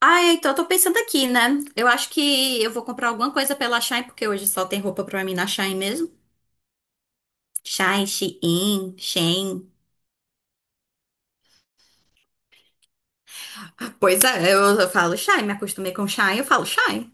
Ai, então eu tô pensando aqui, né? Eu acho que eu vou comprar alguma coisa pela Shein, porque hoje só tem roupa pra mim na Shein mesmo. Shein, Shein, Shein. Pois é, eu falo Shein, me acostumei com Shein, eu falo Shein.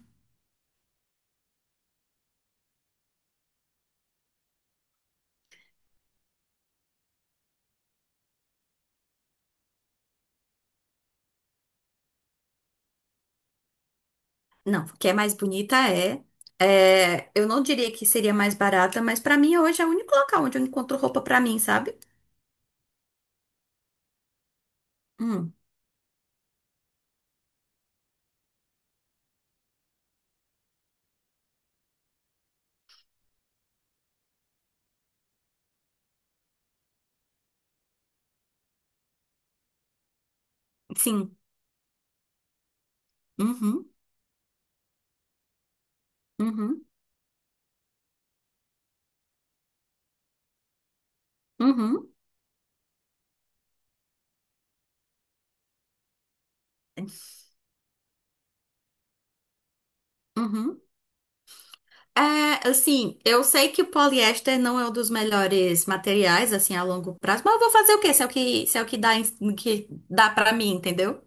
Não, o que é mais bonita Eu não diria que seria mais barata, mas pra mim hoje é o único local onde eu encontro roupa pra mim, sabe? Hum, sim. Uhum, uhum, uhum, uhum, é, assim, eu sei que o poliéster não é um dos melhores materiais, assim, a longo prazo, mas eu vou fazer o quê? Se é o que dá, que dá pra mim, entendeu?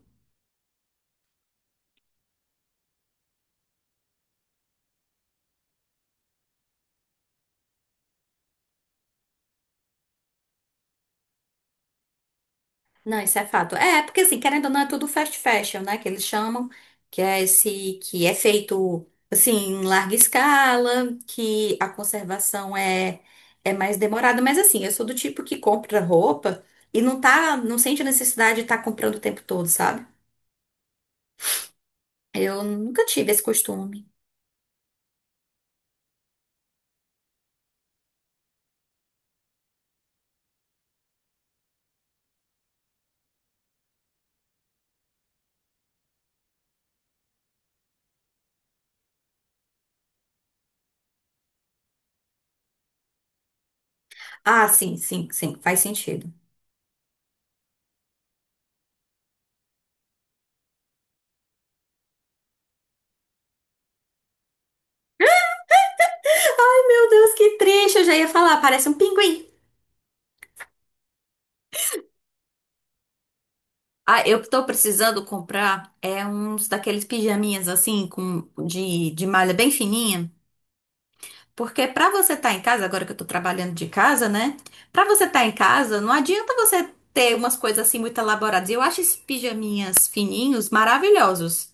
Não, isso é fato. É, porque assim, querendo ou não, é tudo fast fashion, né? Que eles chamam, que é esse, que é feito assim, em larga escala, que a conservação é mais demorada. Mas assim, eu sou do tipo que compra roupa e não sente a necessidade de estar comprando o tempo todo, sabe? Eu nunca tive esse costume. Ah, sim, sim, sim, faz sentido. Ai, meu Deus, que triste, eu já ia falar, parece um pinguim. Ah, eu tô precisando comprar é uns daqueles pijaminhas assim com de malha bem fininha, porque pra você estar em casa, agora que eu tô trabalhando de casa, né? Pra você estar em casa, não adianta você ter umas coisas assim muito elaboradas. E eu acho esses pijaminhas fininhos maravilhosos.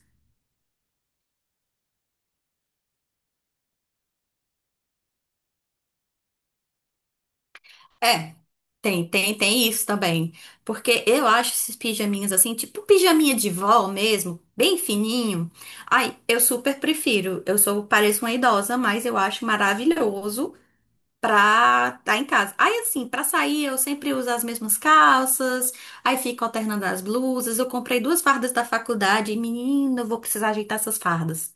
É, tem isso também. Porque eu acho esses pijaminhas assim, tipo pijaminha de vó mesmo, bem fininho. Ai, eu super prefiro. Eu sou, pareço uma idosa, mas eu acho maravilhoso pra estar em casa. Aí assim, pra sair eu sempre uso as mesmas calças, aí fico alternando as blusas. Eu comprei duas fardas da faculdade e, menina, eu vou precisar ajeitar essas fardas.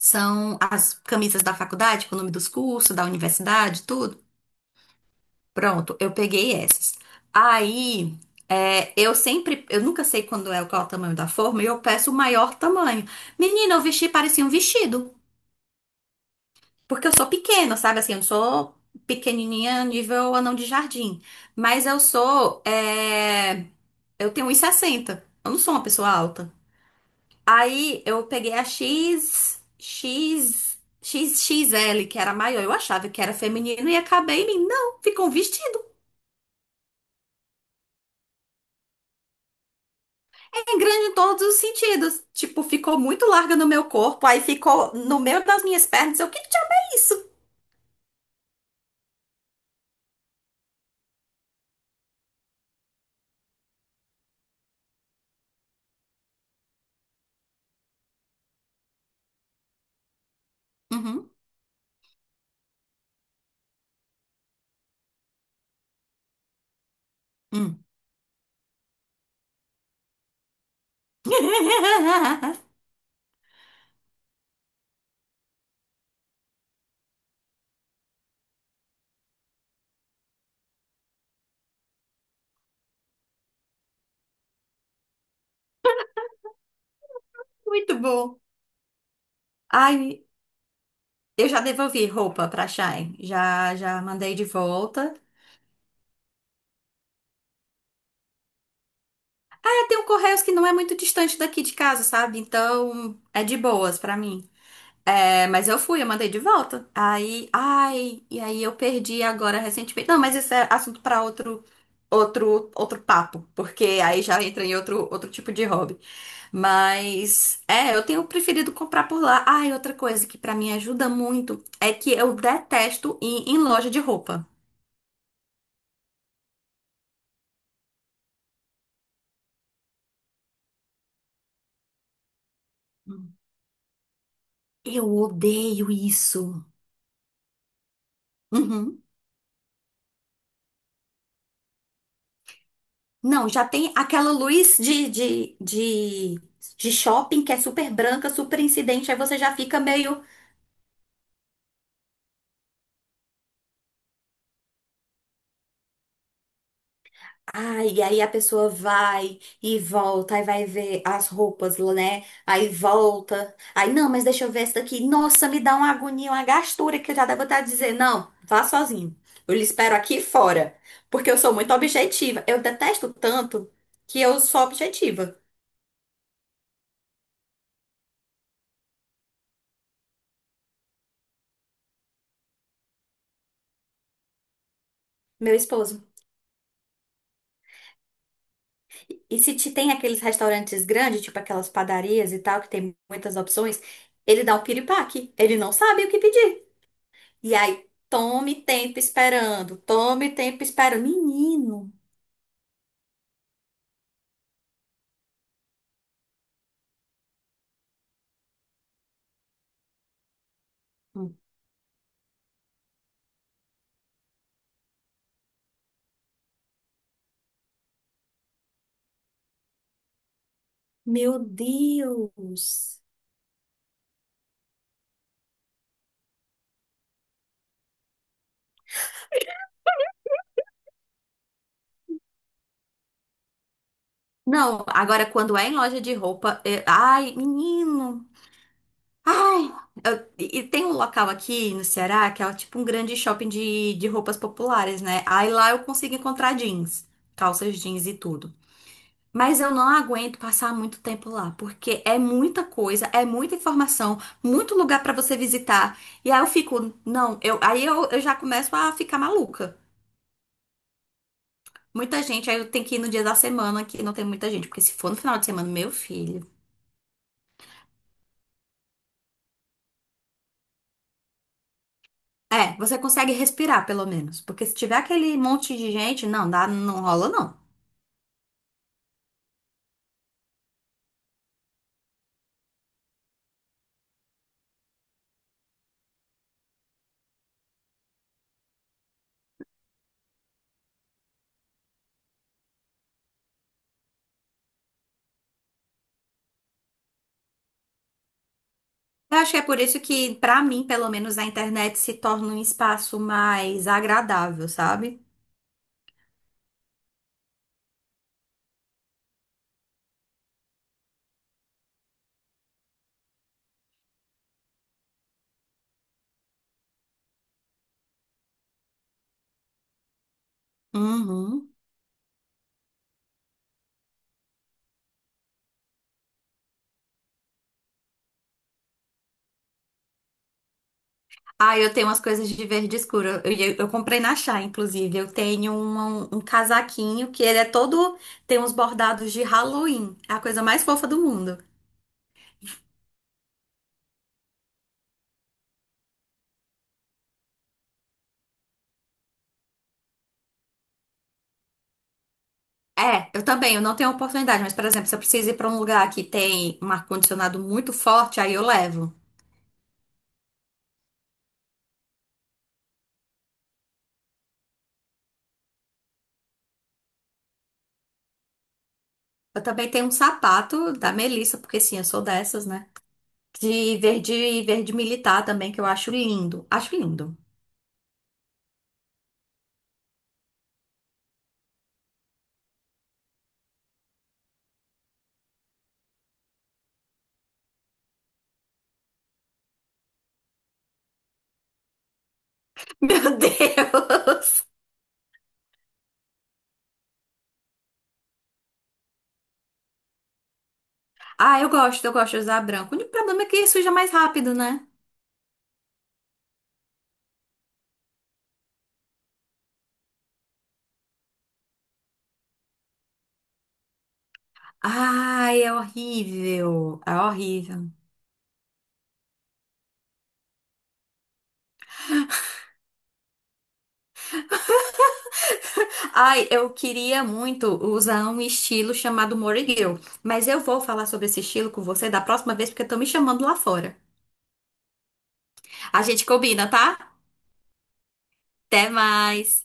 São as camisas da faculdade, com o nome dos cursos, da universidade, tudo. Pronto, eu peguei essas. Aí, é, eu sempre, eu nunca sei quando é qual é o tamanho da forma, e eu peço o maior tamanho. Menina, eu vesti parecia um vestido, porque eu sou pequena, sabe assim, eu não sou pequenininha nível anão de jardim, mas eu sou, é, eu tenho 1,60, eu não sou uma pessoa alta. Aí, eu peguei a X X X L que era maior, eu achava que era feminino e acabei em mim. Não, ficou um vestido. É grande em todos os sentidos. Tipo, ficou muito larga no meu corpo, aí ficou no meio das minhas pernas. Eu, que diabo é isso? Uhum. Hum. Muito bom. Ai, eu já devolvi roupa pra Shine. Já, já mandei de volta. É, tem um Correios que não é muito distante daqui de casa, sabe? Então, é de boas pra mim. É, mas eu fui, eu mandei de volta. Aí, ai, e aí eu perdi agora recentemente. Não, mas isso é assunto para outro papo, porque aí já entra em outro tipo de hobby. Mas é, eu tenho preferido comprar por lá. Ai, outra coisa que para mim ajuda muito é que eu detesto ir em loja de roupa. Hum. Eu odeio isso. Uhum. Não, já tem aquela luz de shopping que é super branca, super incidente, aí você já fica meio. Ah, e aí a pessoa vai e volta, aí vai ver as roupas, né? Aí volta. Aí, não, mas deixa eu ver essa daqui. Nossa, me dá uma agonia, uma gastura que eu já devo estar dizer, não, vá sozinho. Eu lhe espero aqui fora, porque eu sou muito objetiva. Eu detesto tanto que eu sou objetiva, meu esposo. E se te- tem aqueles restaurantes grandes, tipo aquelas padarias e tal, que tem muitas opções, ele dá um piripaque. Ele não sabe o que pedir. E aí, tome tempo esperando, tome tempo esperando. Menino, meu Deus. Não, agora quando é em loja de roupa, é, ai, menino. Ai, eu, e tem um local aqui no Ceará que é tipo um grande shopping de roupas populares, né? Aí lá eu consigo encontrar jeans, calças jeans e tudo. Mas eu não aguento passar muito tempo lá, porque é muita coisa, é muita informação, muito lugar pra você visitar. E aí eu fico, não, eu, aí eu já começo a ficar maluca. Muita gente, aí eu tenho que ir no dia da semana que não tem muita gente, porque se for no final de semana, meu filho. É, você consegue respirar pelo menos, porque se tiver aquele monte de gente, não dá, não rola não. Eu acho que é por isso que, pra mim, pelo menos, a internet se torna um espaço mais agradável, sabe? Uhum. Ah, eu tenho umas coisas de verde escuro. Eu comprei na Chá, inclusive. Eu tenho um, um casaquinho que ele é todo. Tem uns bordados de Halloween. É a coisa mais fofa do mundo. É, eu também. Eu não tenho oportunidade, mas, por exemplo, se eu preciso ir pra um lugar que tem um ar-condicionado muito forte, aí eu levo. Eu também tenho um sapato da Melissa, porque sim, eu sou dessas, né? De verde, verde militar também, que eu acho lindo. Acho lindo. Meu Deus! Ah, eu gosto de usar branco. O único problema é que suja mais rápido, né? Ai, é horrível. É horrível. Ai, eu queria muito usar um estilo chamado Morigueu. Mas eu vou falar sobre esse estilo com você da próxima vez, porque estão me chamando lá fora. A gente combina, tá? Até mais.